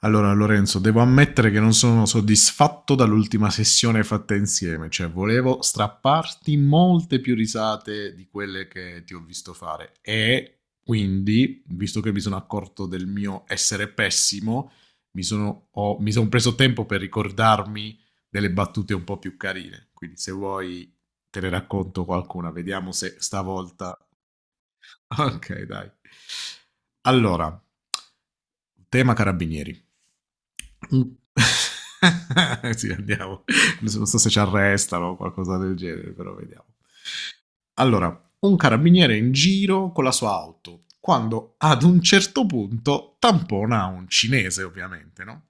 Allora, Lorenzo, devo ammettere che non sono soddisfatto dall'ultima sessione fatta insieme, cioè volevo strapparti molte più risate di quelle che ti ho visto fare e quindi, visto che mi sono accorto del mio essere pessimo, mi sono preso tempo per ricordarmi delle battute un po' più carine. Quindi, se vuoi, te ne racconto qualcuna, vediamo se stavolta. Ok, dai. Allora, tema carabinieri. Mm. Sì, andiamo. Non so se ci arrestano o qualcosa del genere, però vediamo. Allora, un carabiniere in giro con la sua auto, quando ad un certo punto tampona un cinese, ovviamente, no?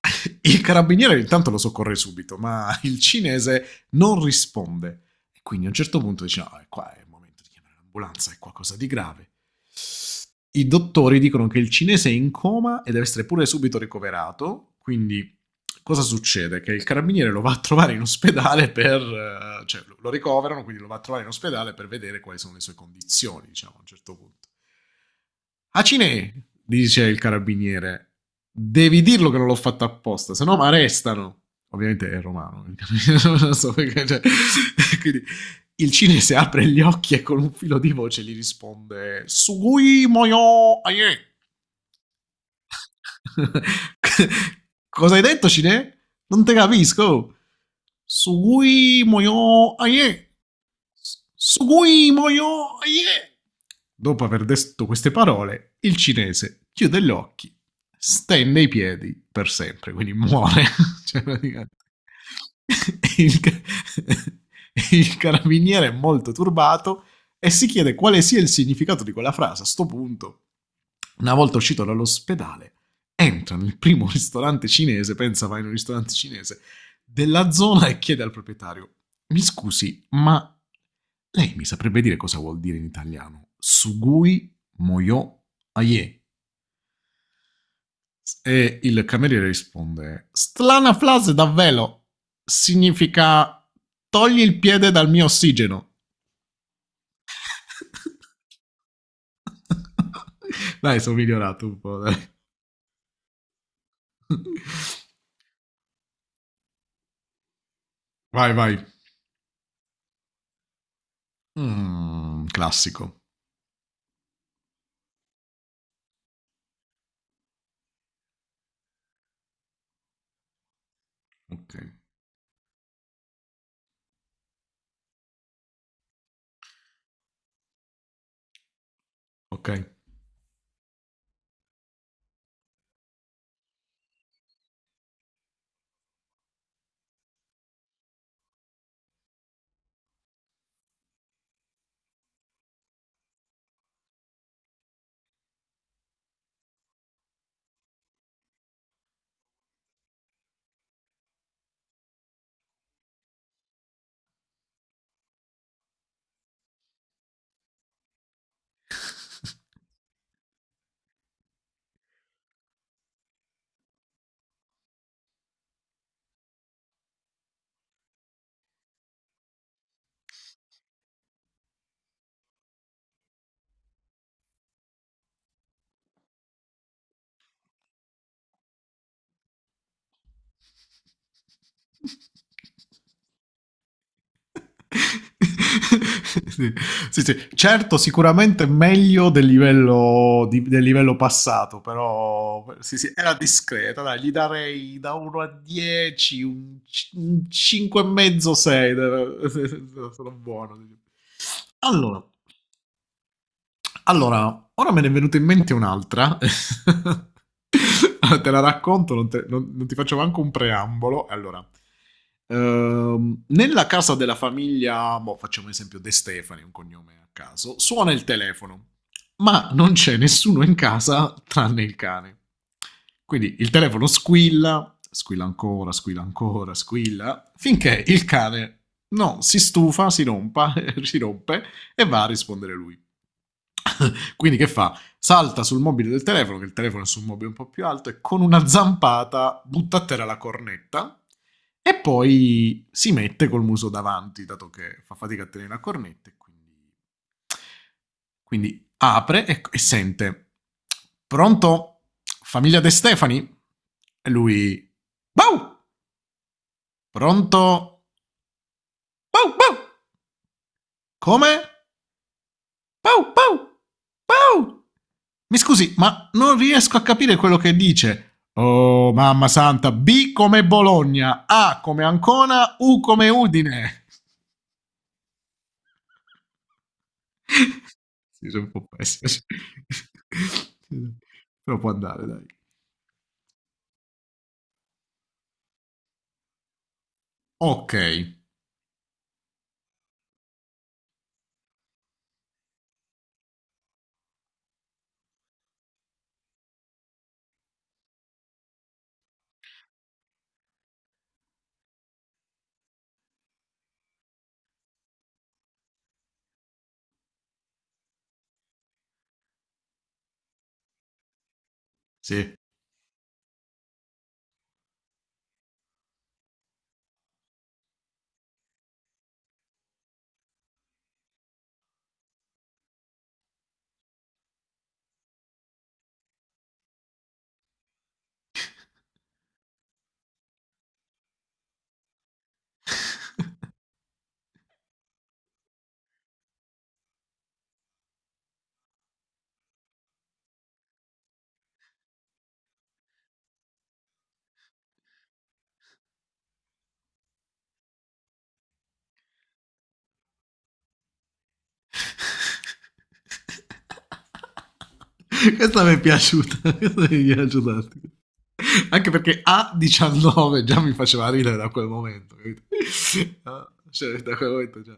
Il carabiniere intanto lo soccorre subito, ma il cinese non risponde. E quindi a un certo punto dice, no, è qua, è il momento di chiamare l'ambulanza, è qualcosa di grave. I dottori dicono che il cinese è in coma e deve essere pure subito ricoverato, quindi cosa succede? Che il carabiniere lo va a trovare in ospedale per... cioè lo ricoverano, quindi lo va a trovare in ospedale per vedere quali sono le sue condizioni, diciamo, a un certo punto. Acine, dice il carabiniere, devi dirlo che non l'ho fatto apposta, se no mi arrestano. Ovviamente è romano, non so perché... Cioè, quindi il cinese apre gli occhi e con un filo di voce gli risponde Sugui moyo aie. Cosa hai detto, Cine? Non te capisco. Sugui moyo aie. Sugui moyo aie. Dopo aver detto queste parole, il cinese chiude gli occhi, stende i piedi per sempre, quindi muore. Cioè, praticamente. il, ca- il carabiniere è molto turbato e si chiede quale sia il significato di quella frase. A sto punto, una volta uscito dall'ospedale, entra nel primo ristorante cinese, pensa vai in un ristorante cinese della zona e chiede al proprietario mi scusi, ma lei mi saprebbe dire cosa vuol dire in italiano? Sugui moyo aie. E il cameriere risponde: Strana frase davvero. Significa togli il piede dal mio ossigeno. Dai, sono migliorato un po'. Dai. Vai, vai. Mm, classico. Ok. Ok. Sì, sì, sì. Certo, sicuramente meglio del livello, del livello passato, però sì, sì, era discreta, dai, gli darei da 1 a 10, un 5 e mezzo, 6, sono buono. Allora, allora, ora me ne è venuta in mente un'altra. Te la racconto, non, te- non- non ti faccio manco un preambolo. Allora, nella casa della famiglia, boh, facciamo un esempio De Stefani, un cognome a caso, suona il telefono, ma non c'è nessuno in casa tranne il cane. Quindi il telefono squilla, squilla ancora, squilla ancora, squilla, finché il cane no, si rompa, si rompe e va a rispondere lui. Quindi che fa? Salta sul mobile del telefono, che il telefono è su un mobile un po' più alto, e con una zampata butta a terra la cornetta e poi si mette col muso davanti, dato che fa fatica a tenere la cornetta. Quindi, apre e sente, pronto? Famiglia De Stefani? E lui, Bau! Pronto? Bau, bau! Come? Bau, bau! Bau! Mi scusi, ma non riesco a capire quello che dice. Oh, mamma santa, B come Bologna, A come Ancona, U come Udine. Sì, sono un po' pessimo. Però può andare, dai. Ok. Sì. Questa mi è piaciuta, questa mi è piaciuta. Un attimo. Anche perché a 19 già mi faceva ridere da quel momento. Capito? Ah, cioè, da quel momento già.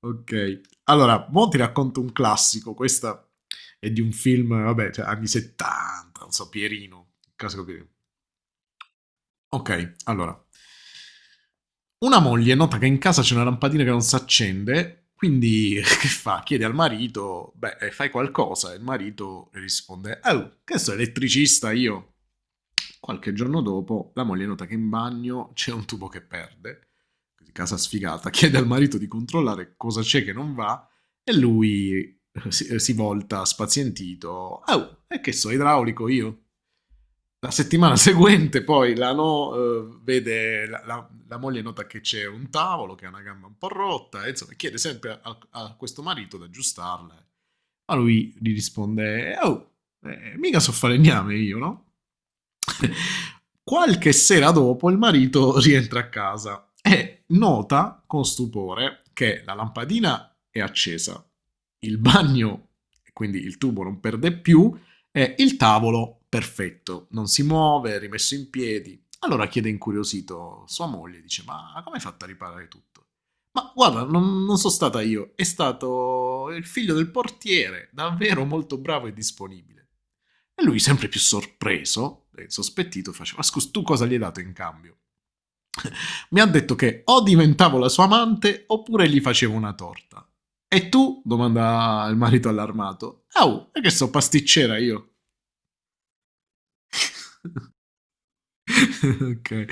Ok. Allora, mo ti racconto un classico. Questa è di un film, vabbè, cioè, anni 70, non so, Pierino. Il classico Pierino. Ok, allora. Una moglie nota che in casa c'è una lampadina che non si accende, quindi che fa? Chiede al marito, beh, fai qualcosa. E il marito risponde, oh, che sono elettricista io. Qualche giorno dopo la moglie nota che in bagno c'è un tubo che perde. Così casa sfigata chiede al marito di controllare cosa c'è che non va e lui si volta spazientito. Oh, e che so, idraulico io. La settimana seguente poi la, no, vede, la, la- la moglie nota che c'è un tavolo che ha una gamba un po' rotta e insomma chiede sempre a, a questo marito di aggiustarla. Ma lui gli risponde, oh, mica so fare gname io, no? Qualche sera dopo il marito rientra a casa e nota con stupore che la lampadina è accesa, il bagno, quindi il tubo non perde più, e il tavolo perfetto, non si muove, è rimesso in piedi. Allora chiede incuriosito sua moglie, dice ma come hai fatto a riparare tutto? Ma guarda, non sono stata io, è stato il figlio del portiere, davvero molto bravo e disponibile. E lui, sempre più sorpreso e sospettito, faceva: Ma scusa, tu cosa gli hai dato in cambio? Mi ha detto che o diventavo la sua amante oppure gli facevo una torta. E tu? Domanda il marito allarmato. Au, è che so pasticcera io. Ok.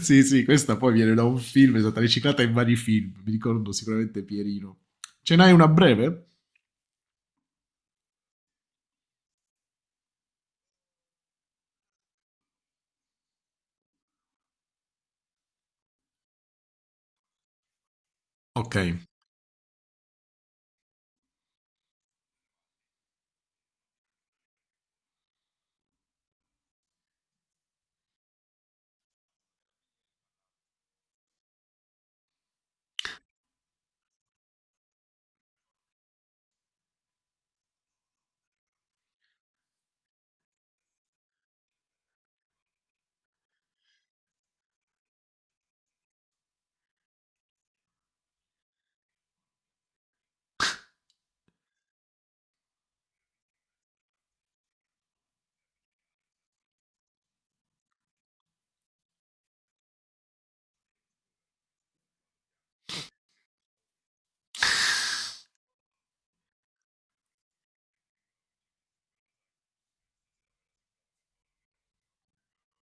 Sì, sì, questa poi viene da un film, è stata riciclata in vari film. Mi ricordo sicuramente Pierino. Ce n'hai una breve? Ok.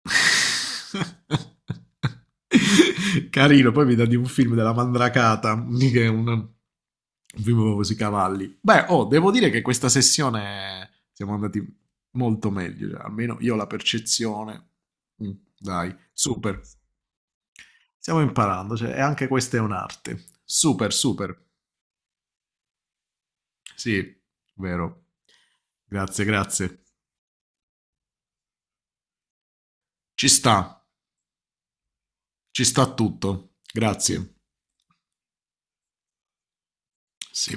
Carino, poi mi dà di un film della Mandracata, che è un film con i cavalli. Beh, oh, devo dire che questa sessione siamo andati molto meglio, cioè, almeno io ho la percezione. Mm, dai, super. Stiamo imparando, cioè, e anche questa è un'arte. Super, super. Sì, vero. Grazie, grazie. Ci sta, ci sta tutto. Grazie. Sì.